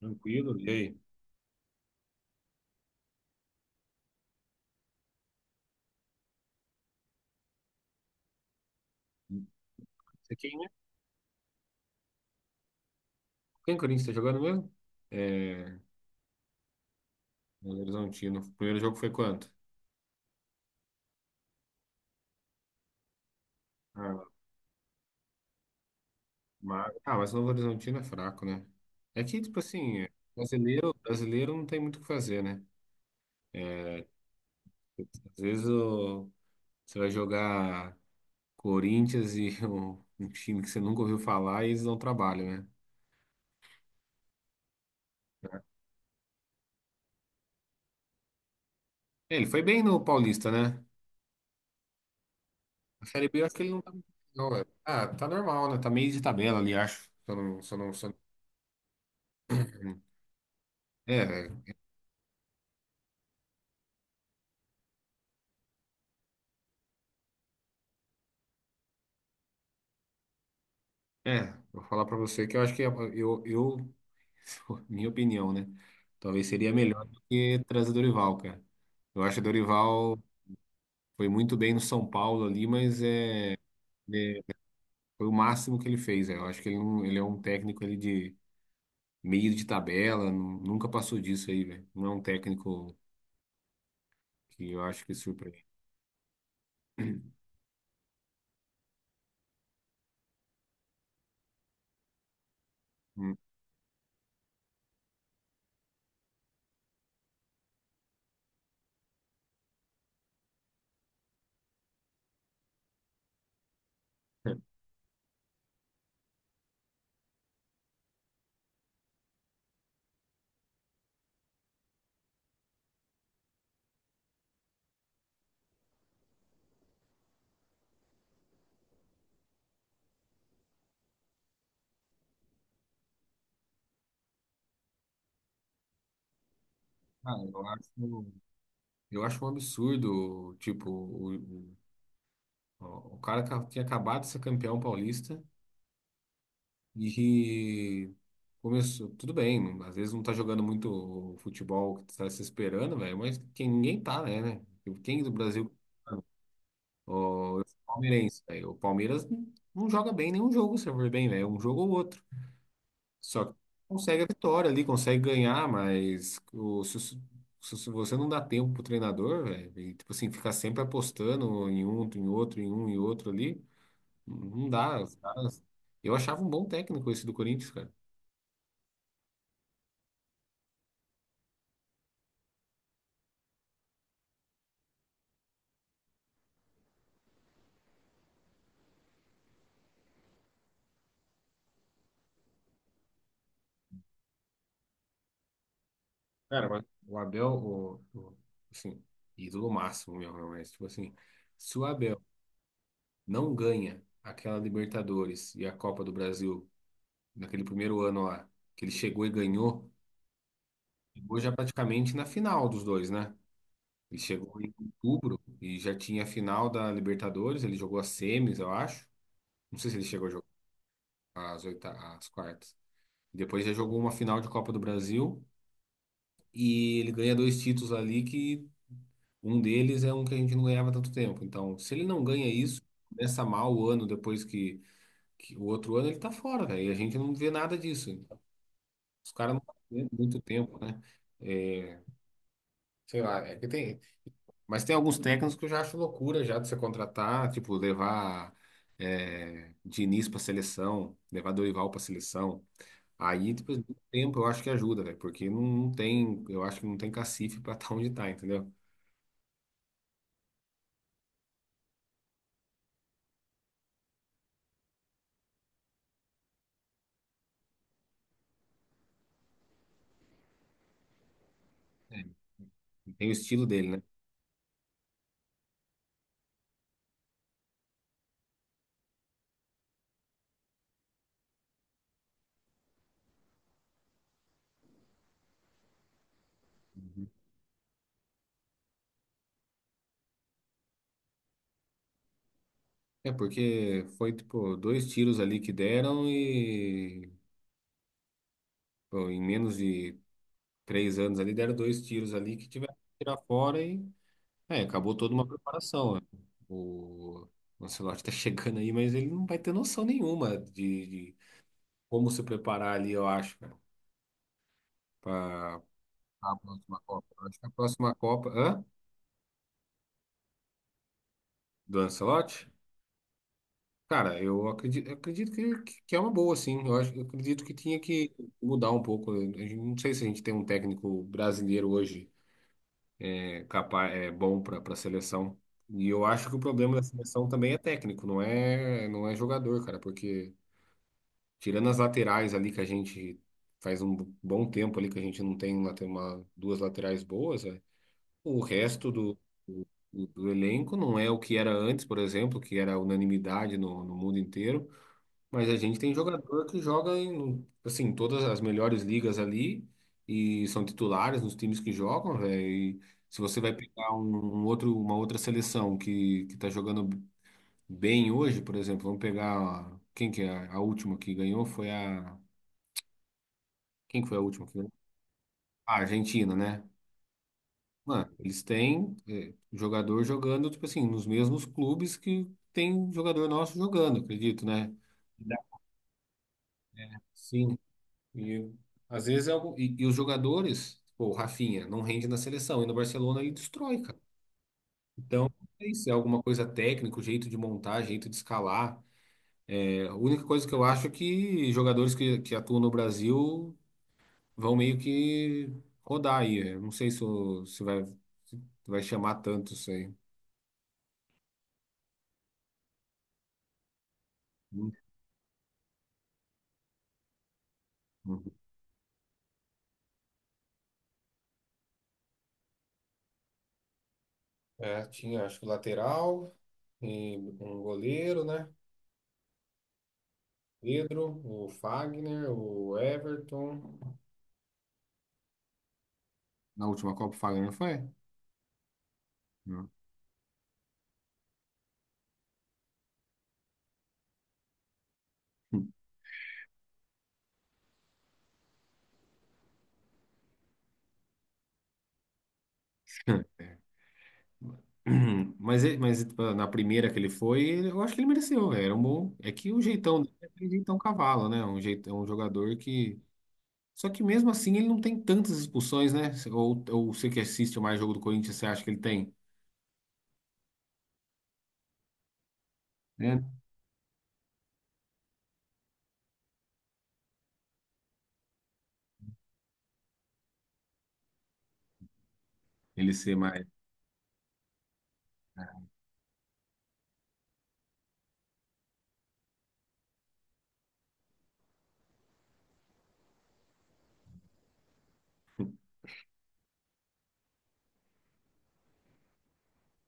Tranquilo. E aí? Você quem, né? Quem o Corinthians tá jogando mesmo? É, Novo Horizontino. O primeiro jogo foi quanto? Ah, mas o Novo Horizontino é fraco, né? É que, tipo assim, é, brasileiro, brasileiro não tem muito o que fazer, né? É, às vezes você vai jogar Corinthians e um time que você nunca ouviu falar e eles não trabalham, né? É, ele foi bem no Paulista, né? A Série B eu acho que ele não tá muito bem, não, é. Ah, tá normal, né? Tá meio de tabela ali, acho. Se eu não, se eu não, se eu não- É, vou falar pra você que eu acho que é, eu, eu, minha opinião, né? Talvez seria melhor do que trazer o Dorival, cara. Eu acho que o Dorival foi muito bem no São Paulo ali, mas é, foi o máximo que ele fez. É. Eu acho que ele, não, ele é um técnico ali de meio de tabela, nunca passou disso aí, velho. Não é um técnico que eu acho que surpreende. Hum. Ah, eu acho, eu acho um absurdo, tipo, o, o cara tinha acabado de ser campeão paulista. E começou, tudo bem, às vezes não tá jogando muito o futebol que tu tá se esperando, velho, mas quem, ninguém tá, né? Tipo, quem do Brasil, ó, eu sou palmeirense, velho, o Palmeiras não joga bem nenhum jogo, se eu for bem, velho, um jogo ou outro. Só que consegue a vitória ali, consegue ganhar, mas se você não dá tempo pro treinador, velho, e, tipo assim, ficar sempre apostando em um, em outro, em um e outro ali, não dá. Eu achava um bom técnico esse do Corinthians, cara. Cara, mas o Abel, assim, ídolo máximo mesmo, né? Mas tipo assim, se o Abel não ganha aquela Libertadores e a Copa do Brasil naquele primeiro ano lá, que ele chegou e ganhou, chegou já praticamente na final dos dois, né? Ele chegou em outubro e já tinha a final da Libertadores, ele jogou as semis, eu acho. Não sei se ele chegou a jogar as quartas. Depois já jogou uma final de Copa do Brasil e ele ganha dois títulos ali que um deles é um que a gente não ganhava tanto tempo. Então, se ele não ganha isso, começa mal o ano depois que o outro ano ele tá fora, cara. E a gente não vê nada disso. Os caras não têm muito tempo, né? É, sei lá, é que tem. Mas tem alguns técnicos que eu já acho loucura já de você contratar, tipo, levar Diniz pra seleção, levar Dorival pra seleção. Aí, depois do tempo, eu acho que ajuda, velho, porque não tem, eu acho que não tem cacife pra estar tá onde tá, entendeu? Tem o estilo dele, né? É porque foi tipo dois tiros ali que deram e pô, em menos de três anos ali deram dois tiros ali que tiveram que tirar fora e é, acabou toda uma preparação, né? O o Ancelotti tá chegando aí, mas ele não vai ter noção nenhuma de como se preparar ali, eu acho, cara, para a próxima Copa. Eu acho que a próxima Copa, hã? Do Ancelotti? Cara, eu acredito que, que é uma boa, sim. Eu acredito que tinha que mudar um pouco. Não sei se a gente tem um técnico brasileiro hoje é, capaz, é bom para a seleção. E eu acho que o problema da seleção também é técnico, não é jogador, cara, porque tirando as laterais ali que a gente faz um bom tempo ali que a gente não tem lá tem uma duas laterais boas, é, o resto do, do elenco não é o que era antes, por exemplo, que era unanimidade no mundo inteiro. Mas a gente tem jogador que joga em, assim, todas as melhores ligas ali e são titulares nos times que jogam, velho. E se você vai pegar um outro, uma outra seleção que tá jogando bem hoje, por exemplo, vamos pegar quem que é a última que ganhou foi a quem que foi a última que ganhou? A Argentina, né? Mano, eles têm eh, jogador jogando tipo assim nos mesmos clubes que tem jogador nosso jogando, acredito, né? Sim, e às vezes é algo. E os jogadores, pô, o Rafinha, não rende na seleção, e no Barcelona ele destrói, cara. Então, é isso, é alguma coisa técnica, o jeito de montar, jeito de escalar. É, a única coisa que eu acho é que jogadores que atuam no Brasil vão meio que rodar aí. Eu não sei se vai chamar tanto isso aí. Hum, hum. É, tinha, acho que o lateral, e um goleiro, né? Pedro, o Fagner, o Everton. Na última Copa, o Fagner não foi? Hum. É. Mas, mas tipo, na primeira que ele foi, eu acho que ele mereceu, velho. Era um bom. É que o jeitão dele é aquele jeitão cavalo, né? Um jeitão, um jogador que. Só que mesmo assim ele não tem tantas expulsões, né? Ou você que assiste mais jogo do Corinthians, você acha que ele tem, né? Ele ser mais.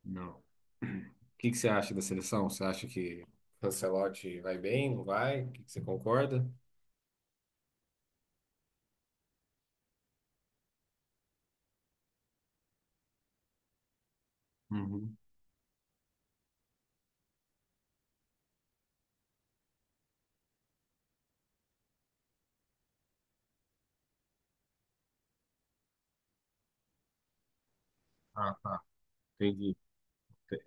Não. O que que você acha da seleção? Você acha que o Ancelotti vai bem, não vai? O que que você concorda? Uhum. Ah, tá. Entendi.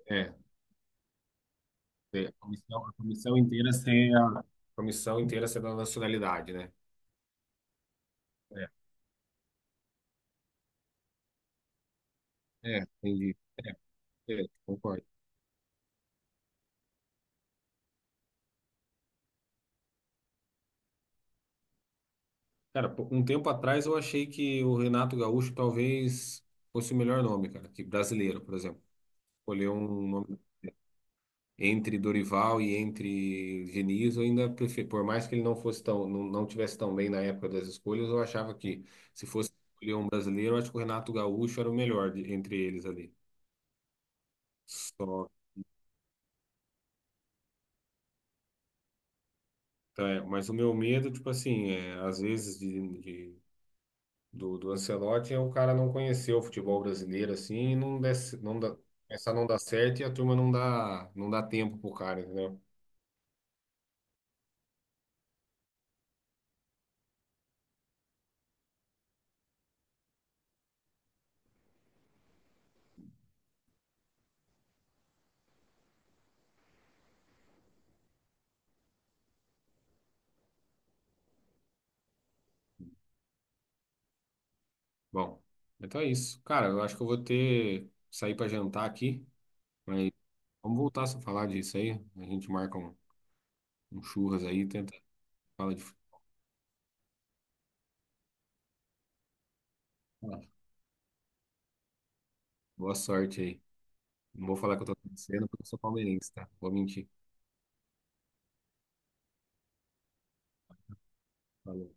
É, a comissão, a comissão inteira ser da nacionalidade, né? É, é, entendi. Concordo. Cara, pô, um tempo atrás eu achei que o Renato Gaúcho talvez fosse o melhor nome, cara, que brasileiro, por exemplo. Escolher um nome entre Dorival e entre Diniz, eu ainda prefiro, por mais que ele não fosse tão, não tivesse tão bem na época das escolhas, eu achava que se fosse escolher um brasileiro, eu acho que o Renato Gaúcho era o melhor entre eles ali. Só Tá, é, mas o meu medo, tipo assim, é, às vezes do Ancelotti é o cara não conhecer o futebol brasileiro assim e não der, não dá, essa não dá certo e a turma não dá, não dá tempo pro cara, entendeu? Bom, então é isso. Cara, eu acho que eu vou ter sair pra jantar aqui, mas vamos voltar a falar disso aí. A gente marca um churras aí, tenta fala de futebol. Boa sorte aí. Não vou falar que eu tô torcendo porque eu sou palmeirense, tá? Vou mentir. Valeu.